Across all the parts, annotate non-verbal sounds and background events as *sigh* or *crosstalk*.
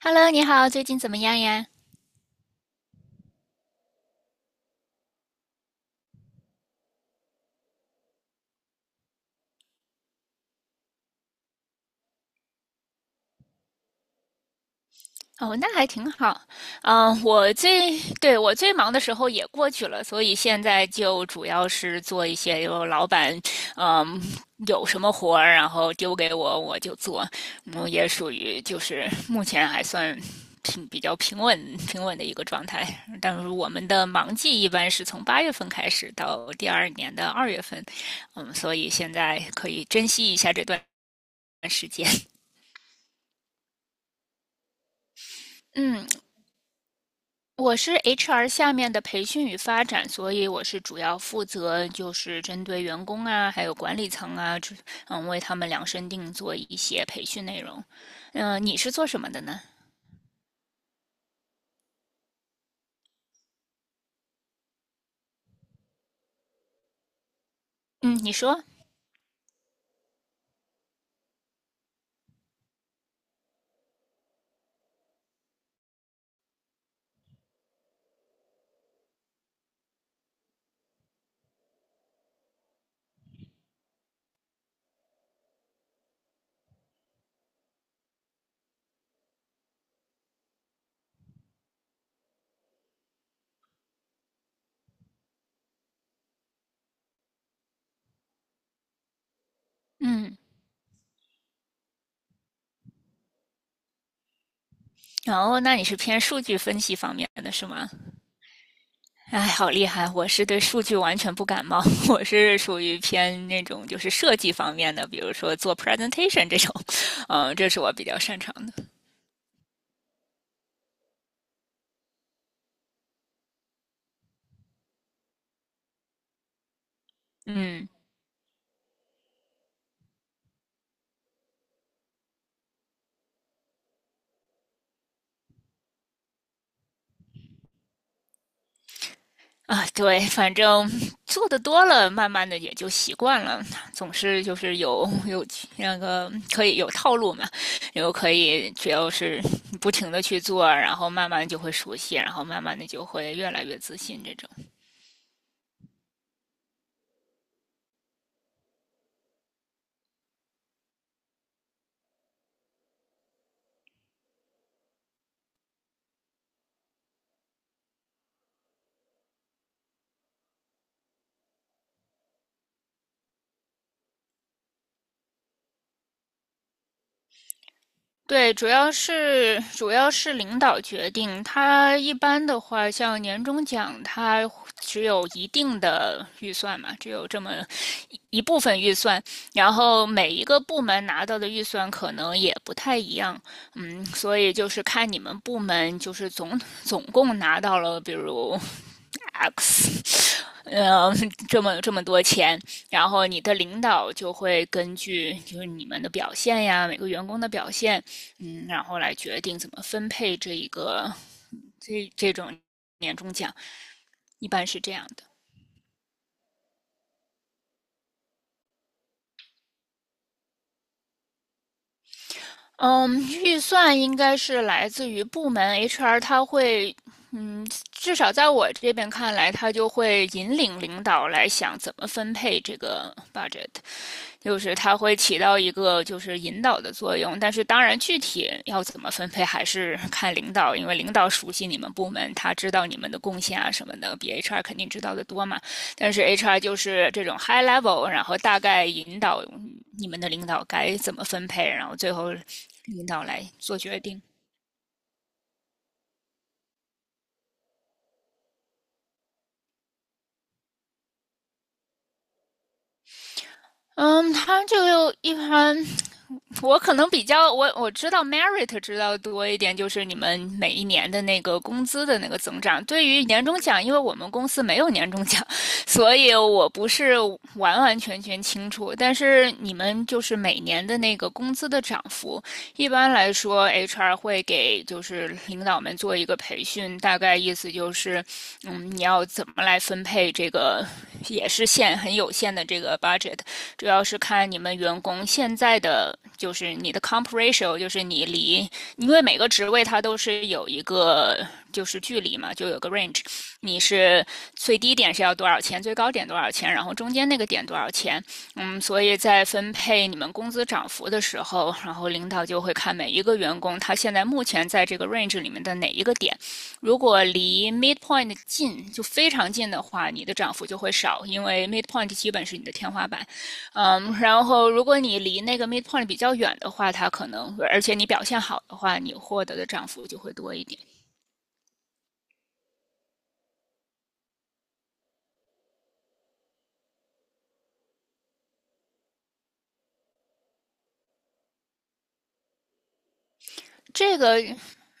Hello，你好，最近怎么样呀？哦，那还挺好。对，我最忙的时候也过去了，所以现在就主要是做一些有老板，嗯，有什么活儿，然后丢给我，我就做。也属于就是目前还算比较平稳的一个状态。但是我们的忙季一般是从8月份开始到第二年的2月份，所以现在可以珍惜一下这段时间。*laughs* 嗯，我是 HR 下面的培训与发展，所以我是主要负责就是针对员工啊，还有管理层啊，为他们量身定做一些培训内容。你是做什么的呢？嗯，你说，嗯，然后那你是偏数据分析方面的是吗？哎，好厉害！我是对数据完全不感冒，*laughs* 我是属于偏那种就是设计方面的，比如说做 presentation 这种，*laughs* 这是我比较擅长的。嗯。啊，对，反正做的多了，慢慢的也就习惯了。总是就是有那个可以有套路嘛，然后可以只要是不停的去做，然后慢慢就会熟悉，然后慢慢的就会越来越自信这种。对，主要是领导决定。他一般的话，像年终奖，他只有一定的预算嘛，只有这么一部分预算。然后每一个部门拿到的预算可能也不太一样，所以就是看你们部门就是总共拿到了，比如 X 嗯，*laughs* 这么多钱，然后你的领导就会根据就是你们的表现呀，每个员工的表现，然后来决定怎么分配这种年终奖，一般是这样的。嗯，预算应该是来自于部门 HR，他会，至少在我这边看来，他就会引领领导来想怎么分配这个 budget。就是它会起到一个就是引导的作用，但是当然具体要怎么分配还是 *laughs* 看领导，因为领导熟悉你们部门，他知道你们的贡献啊什么的，比 HR 肯定知道的多嘛。但是 HR 就是这种 high level，然后大概引导你们的领导该怎么分配，然后最后领导来做决定。嗯，他就一般我可能比较我知道 merit 知道多一点，就是你们每一年的那个工资的那个增长。对于年终奖，因为我们公司没有年终奖，*laughs* 所以我不是完完全全清楚。但是你们就是每年的那个工资的涨幅，一般来说 HR 会给就是领导们做一个培训，大概意思就是，你要怎么来分配这个也是很有限的这个 budget，主要是看你们员工现在的就是你的 comp ratio，就是你离，因为每个职位它都是有一个就是距离嘛，就有个 range，你是最低点是要多少钱，最高点多少钱，然后中间那个点多少钱，所以在分配你们工资涨幅的时候，然后领导就会看每一个员工他现在目前在这个 range 里面的哪一个点，如果离 midpoint 近，就非常近的话，你的涨幅就会少，因为 midpoint 基本是你的天花板。然后如果你离那个 midpoint 比较远的话，它可能，而且你表现好的话，你获得的涨幅就会多一点。这个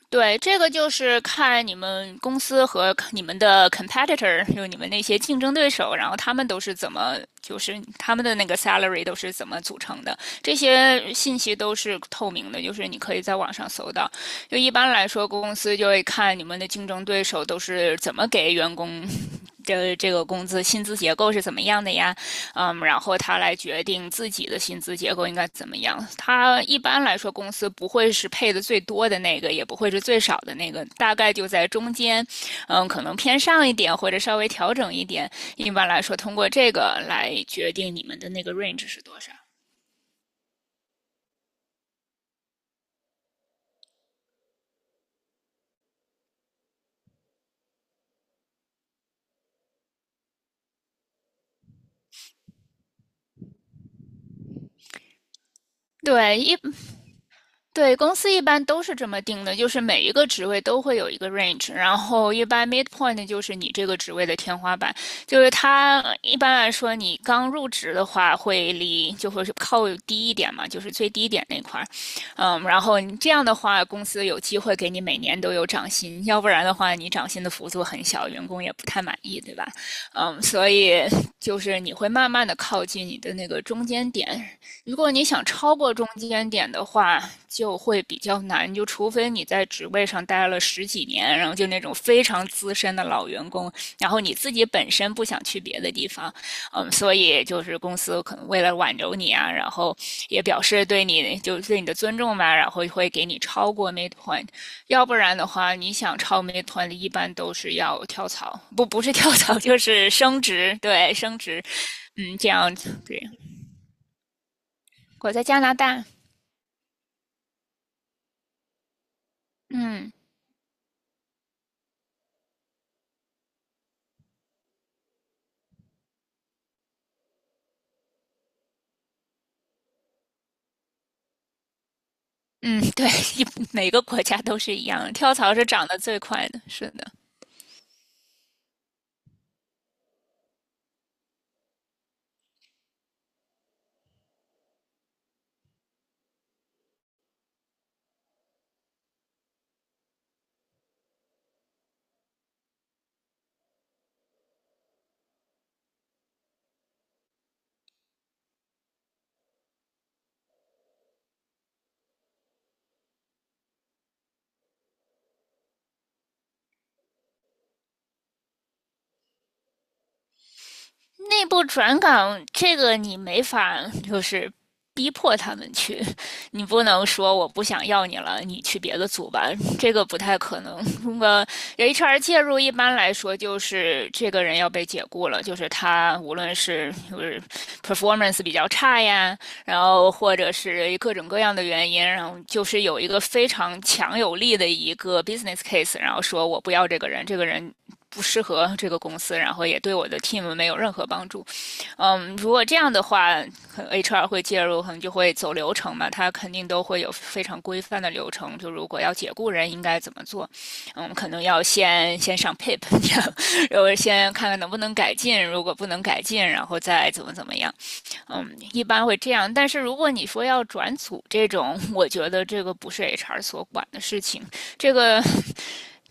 对，这个就是看你们公司和你们的 competitor，就你们那些竞争对手，然后他们都是怎么，就是他们的那个 salary 都是怎么组成的，这些信息都是透明的，就是你可以在网上搜到。就一般来说，公司就会看你们的竞争对手都是怎么给员工这个工资薪资结构是怎么样的呀？然后他来决定自己的薪资结构应该怎么样。他一般来说，公司不会是配的最多的那个，也不会是最少的那个，大概就在中间，可能偏上一点或者稍微调整一点。一般来说，通过这个来决定你们的那个 range 是多少。对，对，公司一般都是这么定的，就是每一个职位都会有一个 range，然后一般 midpoint 就是你这个职位的天花板，就是它一般来说你刚入职的话就会是靠低一点嘛，就是最低点那块儿，然后你这样的话公司有机会给你每年都有涨薪，要不然的话你涨薪的幅度很小，员工也不太满意，对吧？所以就是你会慢慢的靠近你的那个中间点，如果你想超过中间点的话，就会比较难，就除非你在职位上待了10几年，然后就那种非常资深的老员工，然后你自己本身不想去别的地方，所以就是公司可能为了挽留你啊，然后也表示对你就对你的尊重吧，然后会给你超过 midpoint，要不然的话，你想超 midpoint 一般都是要跳槽，不是跳槽就是升职，对，升职，这样对。我在加拿大。嗯嗯，对，*laughs* 一每个国家都是一样的，跳槽是涨得最快的，是的。内部转岗这个你没法就是逼迫他们去，你不能说我不想要你了，你去别的组吧，这个不太可能。那么 HR 介入，一般来说就是这个人要被解雇了，就是他无论是就是 performance 比较差呀，然后或者是各种各样的原因，然后就是有一个非常强有力的一个 business case，然后说我不要这个人，这个人不适合这个公司，然后也对我的 team 没有任何帮助。如果这样的话，HR 会介入，可能就会走流程嘛，他肯定都会有非常规范的流程。就如果要解雇人，应该怎么做？可能要先上 PIP，*laughs* 然后先看看能不能改进，如果不能改进，然后再怎么怎么样。一般会这样，但是如果你说要转组这种，我觉得这个不是 HR 所管的事情，这个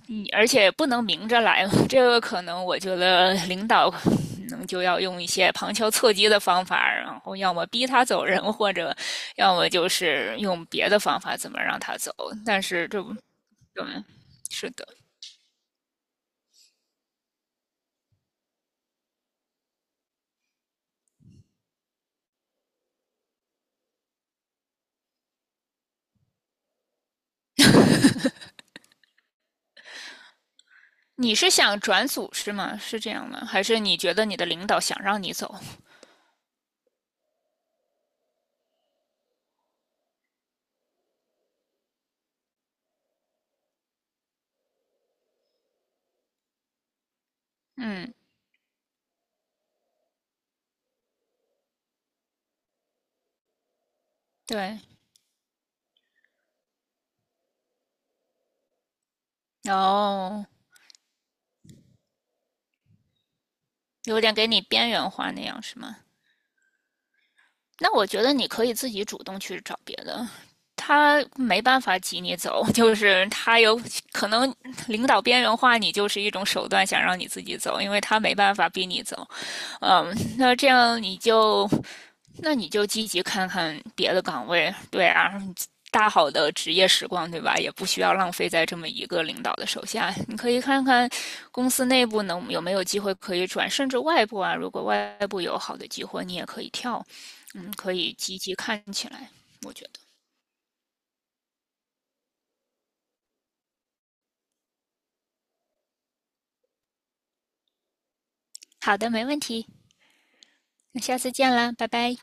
你而且不能明着来，这个可能我觉得领导可能就要用一些旁敲侧击的方法，然后要么逼他走人，或者要么就是用别的方法怎么让他走，但是这不，对，是的。你是想转组是吗？是这样吗？还是你觉得你的领导想让你走？嗯，对。哦，有点给你边缘化那样是吗？那我觉得你可以自己主动去找别的，他没办法挤你走，*laughs* 就是他有可能领导边缘化你，就是一种手段，想让你自己走，因为他没办法逼你走。嗯，那这样你就那你就积极看看别的岗位，对啊，大好的职业时光，对吧？也不需要浪费在这么一个领导的手下。你可以看看公司内部能有没有机会可以转，甚至外部啊，如果外部有好的机会，你也可以跳。可以积极看起来，我觉得。好的，没问题。那下次见啦，拜拜。